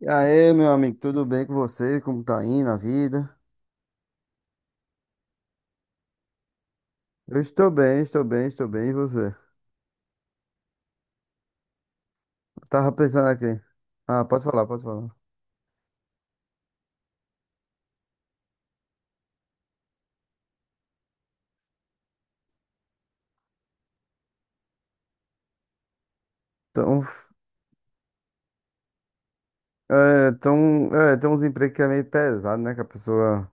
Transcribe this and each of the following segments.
E aí, meu amigo, tudo bem com você? Como tá indo a vida? Eu estou bem. E você? Eu tava pensando aqui. Ah, pode falar. Então, tem uns empregos que é meio pesado, né? Que a pessoa.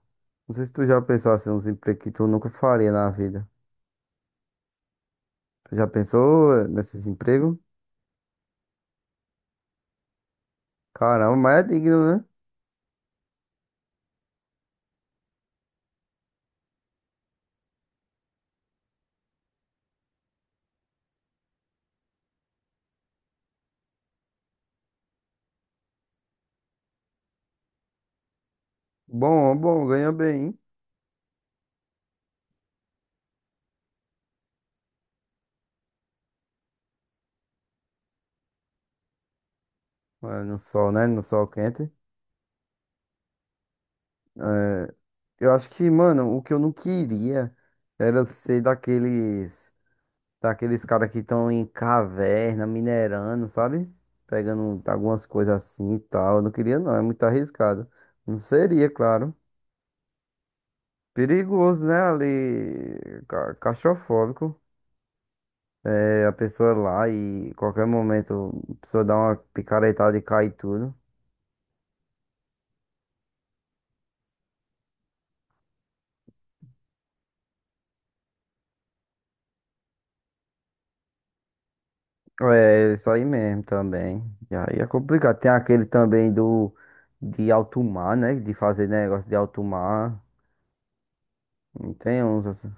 Não sei se tu já pensou assim, uns empregos que tu nunca faria na vida. Tu já pensou nesses empregos? Caramba, mas é digno, né? Bom, ganha bem. É, no sol, né? No sol quente. É, eu acho que, mano, o que eu não queria era ser daqueles. Daqueles caras que estão em caverna, minerando, sabe? Pegando algumas coisas assim e tal. Eu não queria, não, é muito arriscado. Não seria, claro. Perigoso, né? Ali, claustrofóbico. É a pessoa lá e qualquer momento a pessoa dá uma picaretada e cai tudo. É, isso aí mesmo também. E aí é complicado. Tem aquele também do de alto mar, né? De fazer negócio de alto mar. Não tem uns assim.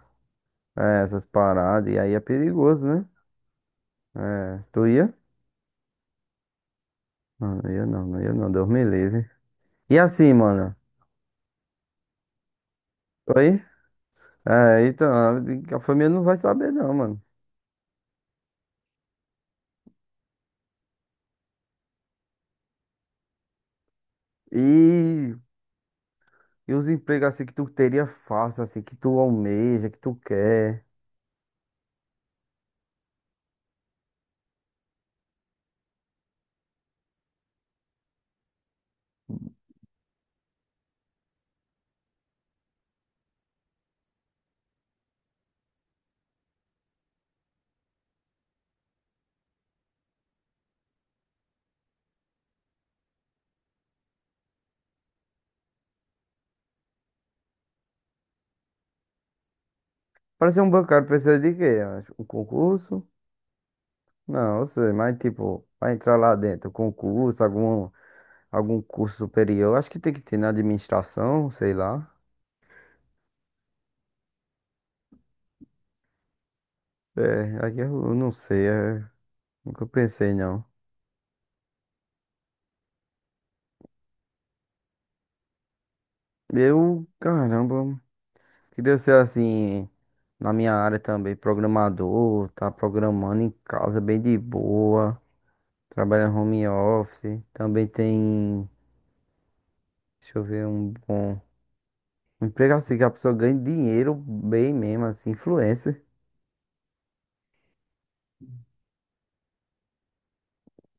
É, essas paradas, e aí é perigoso, né? É, tu ia? Não, não ia não, Deus me livre. E assim, mano? Oi? É, então, a família não vai saber não, mano. E, e os empregos assim que tu teria fácil, assim, que tu almeja, que tu quer? Pra ser um bancário precisa de quê? Acho, um concurso? Não, eu sei, mas tipo, pra entrar lá dentro, concurso, algum, algum curso superior, acho que tem que ter na administração, sei lá. É, aqui eu não sei, é, nunca pensei não. Eu, caramba. Que deu ser assim, na minha área também, programador, tá programando em casa bem de boa, trabalha home office, também tem, deixa eu ver, um bom um emprego assim que a pessoa ganha dinheiro bem mesmo, assim, influencer,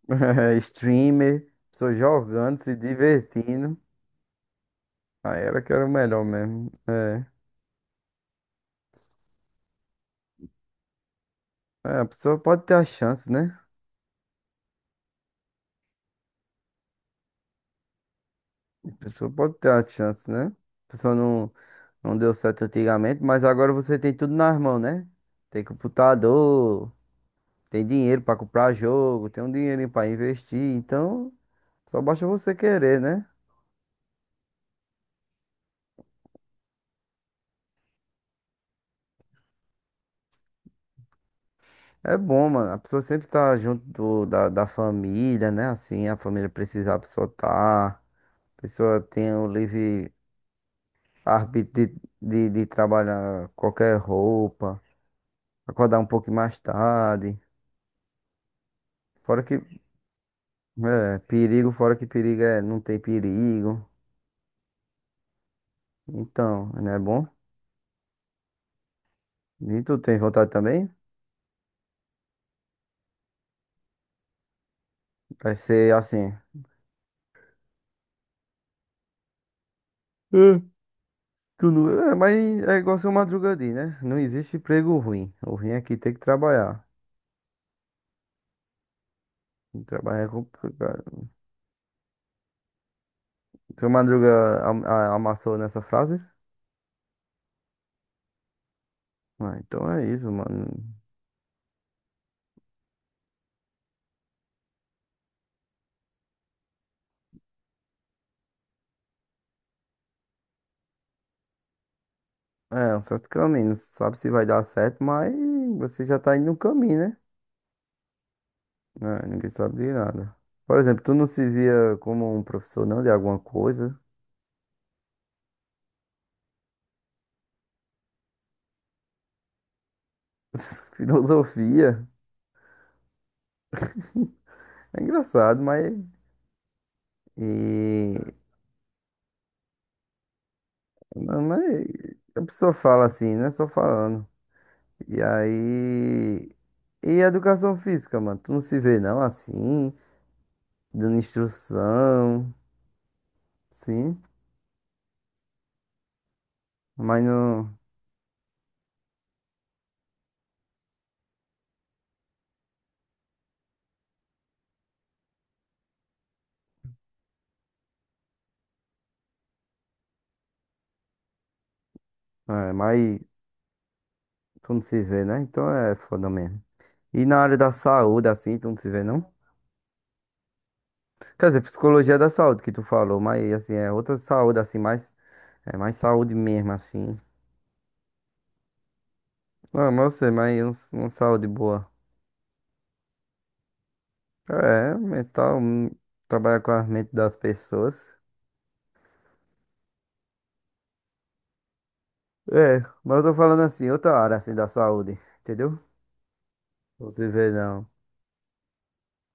streamer, pessoa jogando, se divertindo. Aí era que era o melhor mesmo. É. É, a pessoa pode ter a chance, né? A pessoa pode ter a chance, né? A pessoa não. Não deu certo antigamente, mas agora você tem tudo nas mãos, né? Tem computador, tem dinheiro pra comprar jogo, tem um dinheirinho pra investir, então só basta você querer, né? É bom, mano. A pessoa sempre tá junto da, da família, né? Assim, a família precisa, a pessoa tá. A pessoa tem o livre arbítrio de trabalhar qualquer roupa, acordar um pouco mais tarde. Fora que, é, perigo, fora que perigo é, não tem perigo. Então, não é bom? E tu tem vontade também? Vai ser assim. É, tu não... é, mas é igual seu Madruga diz, né? Não existe emprego ruim. O ruim é que tem que trabalhar. E trabalhar é complicado. Seu Madruga amassou nessa frase? Ah, então é isso, mano. É um certo caminho. Não sabe se vai dar certo, mas você já tá indo no caminho, né? É, ninguém sabe de nada. Por exemplo, tu não se via como um professor não de alguma coisa? Filosofia. É engraçado, mas. E não, mas a pessoa fala assim, né? Só falando. E aí. E a educação física, mano? Tu não se vê não assim, dando instrução, sim, mas não. É, mas tu não se vê, né? Então é foda mesmo. E na área da saúde, assim, tu não se vê, não? Quer dizer, psicologia é da saúde que tu falou, mas assim, é outra saúde, assim, mais. É mais saúde mesmo, assim. Não, mas eu sei, mas uma saúde boa. É, mental, trabalhar com a mente das pessoas. É, mas eu tô falando assim, outra área assim da saúde, entendeu? Você vê não.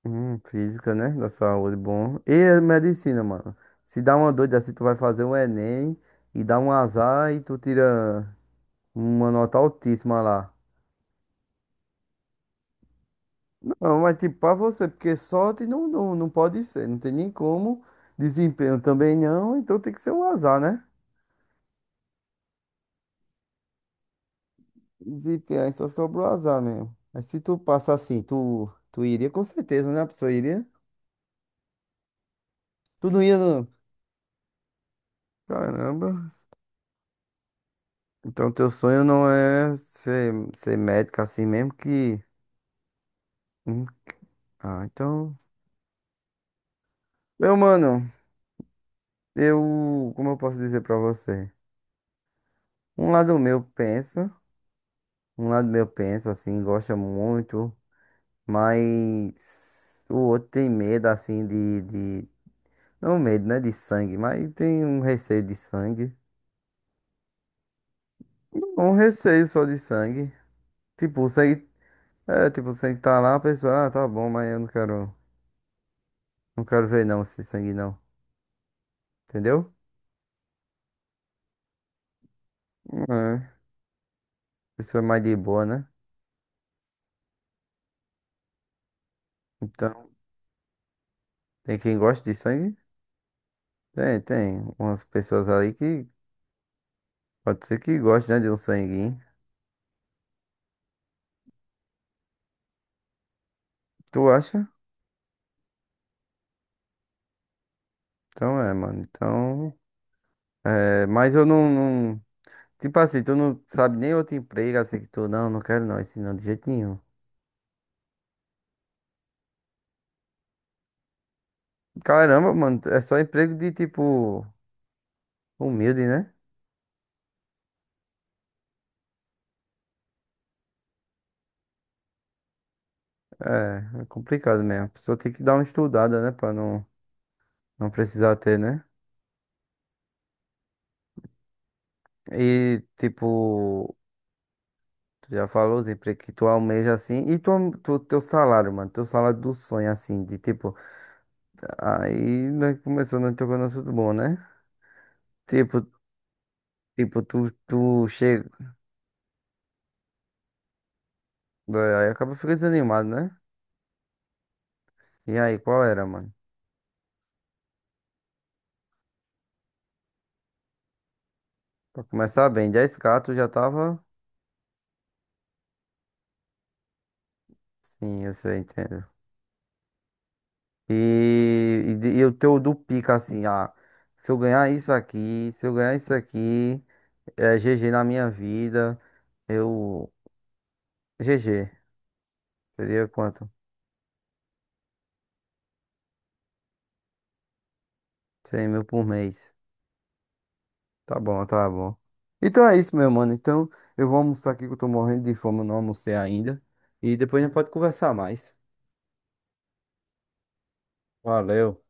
Física, né? Da saúde, bom. E a medicina, mano. Se dá uma doida assim, tu vai fazer um Enem e dá um azar e tu tira uma nota altíssima lá. Não, mas tipo, pra você, porque sorte não pode ser, não tem nem como. Desempenho também não, então tem que ser um azar, né? Desempenho, aí só sobra o azar mesmo. Mas se tu passa assim, tu iria com certeza, né? A pessoa iria. Tu não ia. Caramba. Então teu sonho não é ser, ser médico assim mesmo que. Hum, Ah, então. Meu mano, eu. Como eu posso dizer pra você? Um lado meu pensa, um lado meu pensa assim, gosta muito, mas o outro tem medo assim de... Não medo, né? De sangue, mas tem um receio de sangue. Um receio só de sangue. Tipo, o sangue. É, tipo, o sangue tá lá, a pessoa, ah, tá bom, mas eu não quero. Não quero ver não esse sangue não. Entendeu? É. A pessoa é mais de boa, né? Então, tem quem gosta de sangue? Tem. Umas pessoas aí que pode ser que goste, né, de um sanguinho. Tu acha? Então é, mano. Então. É, mas eu não. Tipo assim, tu não sabe nem outro emprego assim que tu. Não, não quero não, esse não, de jeito nenhum. Caramba, mano, é só emprego de tipo. Humilde, né? É, é complicado mesmo. A pessoa tem que dar uma estudada, né? Pra não, não precisar ter, né? E, tipo. Já falou os empregos que tu almeja assim. E tu, teu salário, mano. Teu salário do sonho, assim, de tipo. Aí nós começou nós tocando no assunto bom, né? Tipo, tipo, tu chega. Aí acaba ficando desanimado, né? E aí, qual era, mano? Pra começar bem, 10k tu já tava. Sim, eu sei, entendo. E o teu do pica, assim, ah, se eu ganhar isso aqui, se eu ganhar isso aqui, é GG na minha vida, eu. GG, seria quanto? 100 mil por mês. Tá bom. Então é isso, meu mano. Então eu vou almoçar aqui que eu tô morrendo de fome, eu não almocei ainda. E depois a gente pode conversar mais. Valeu.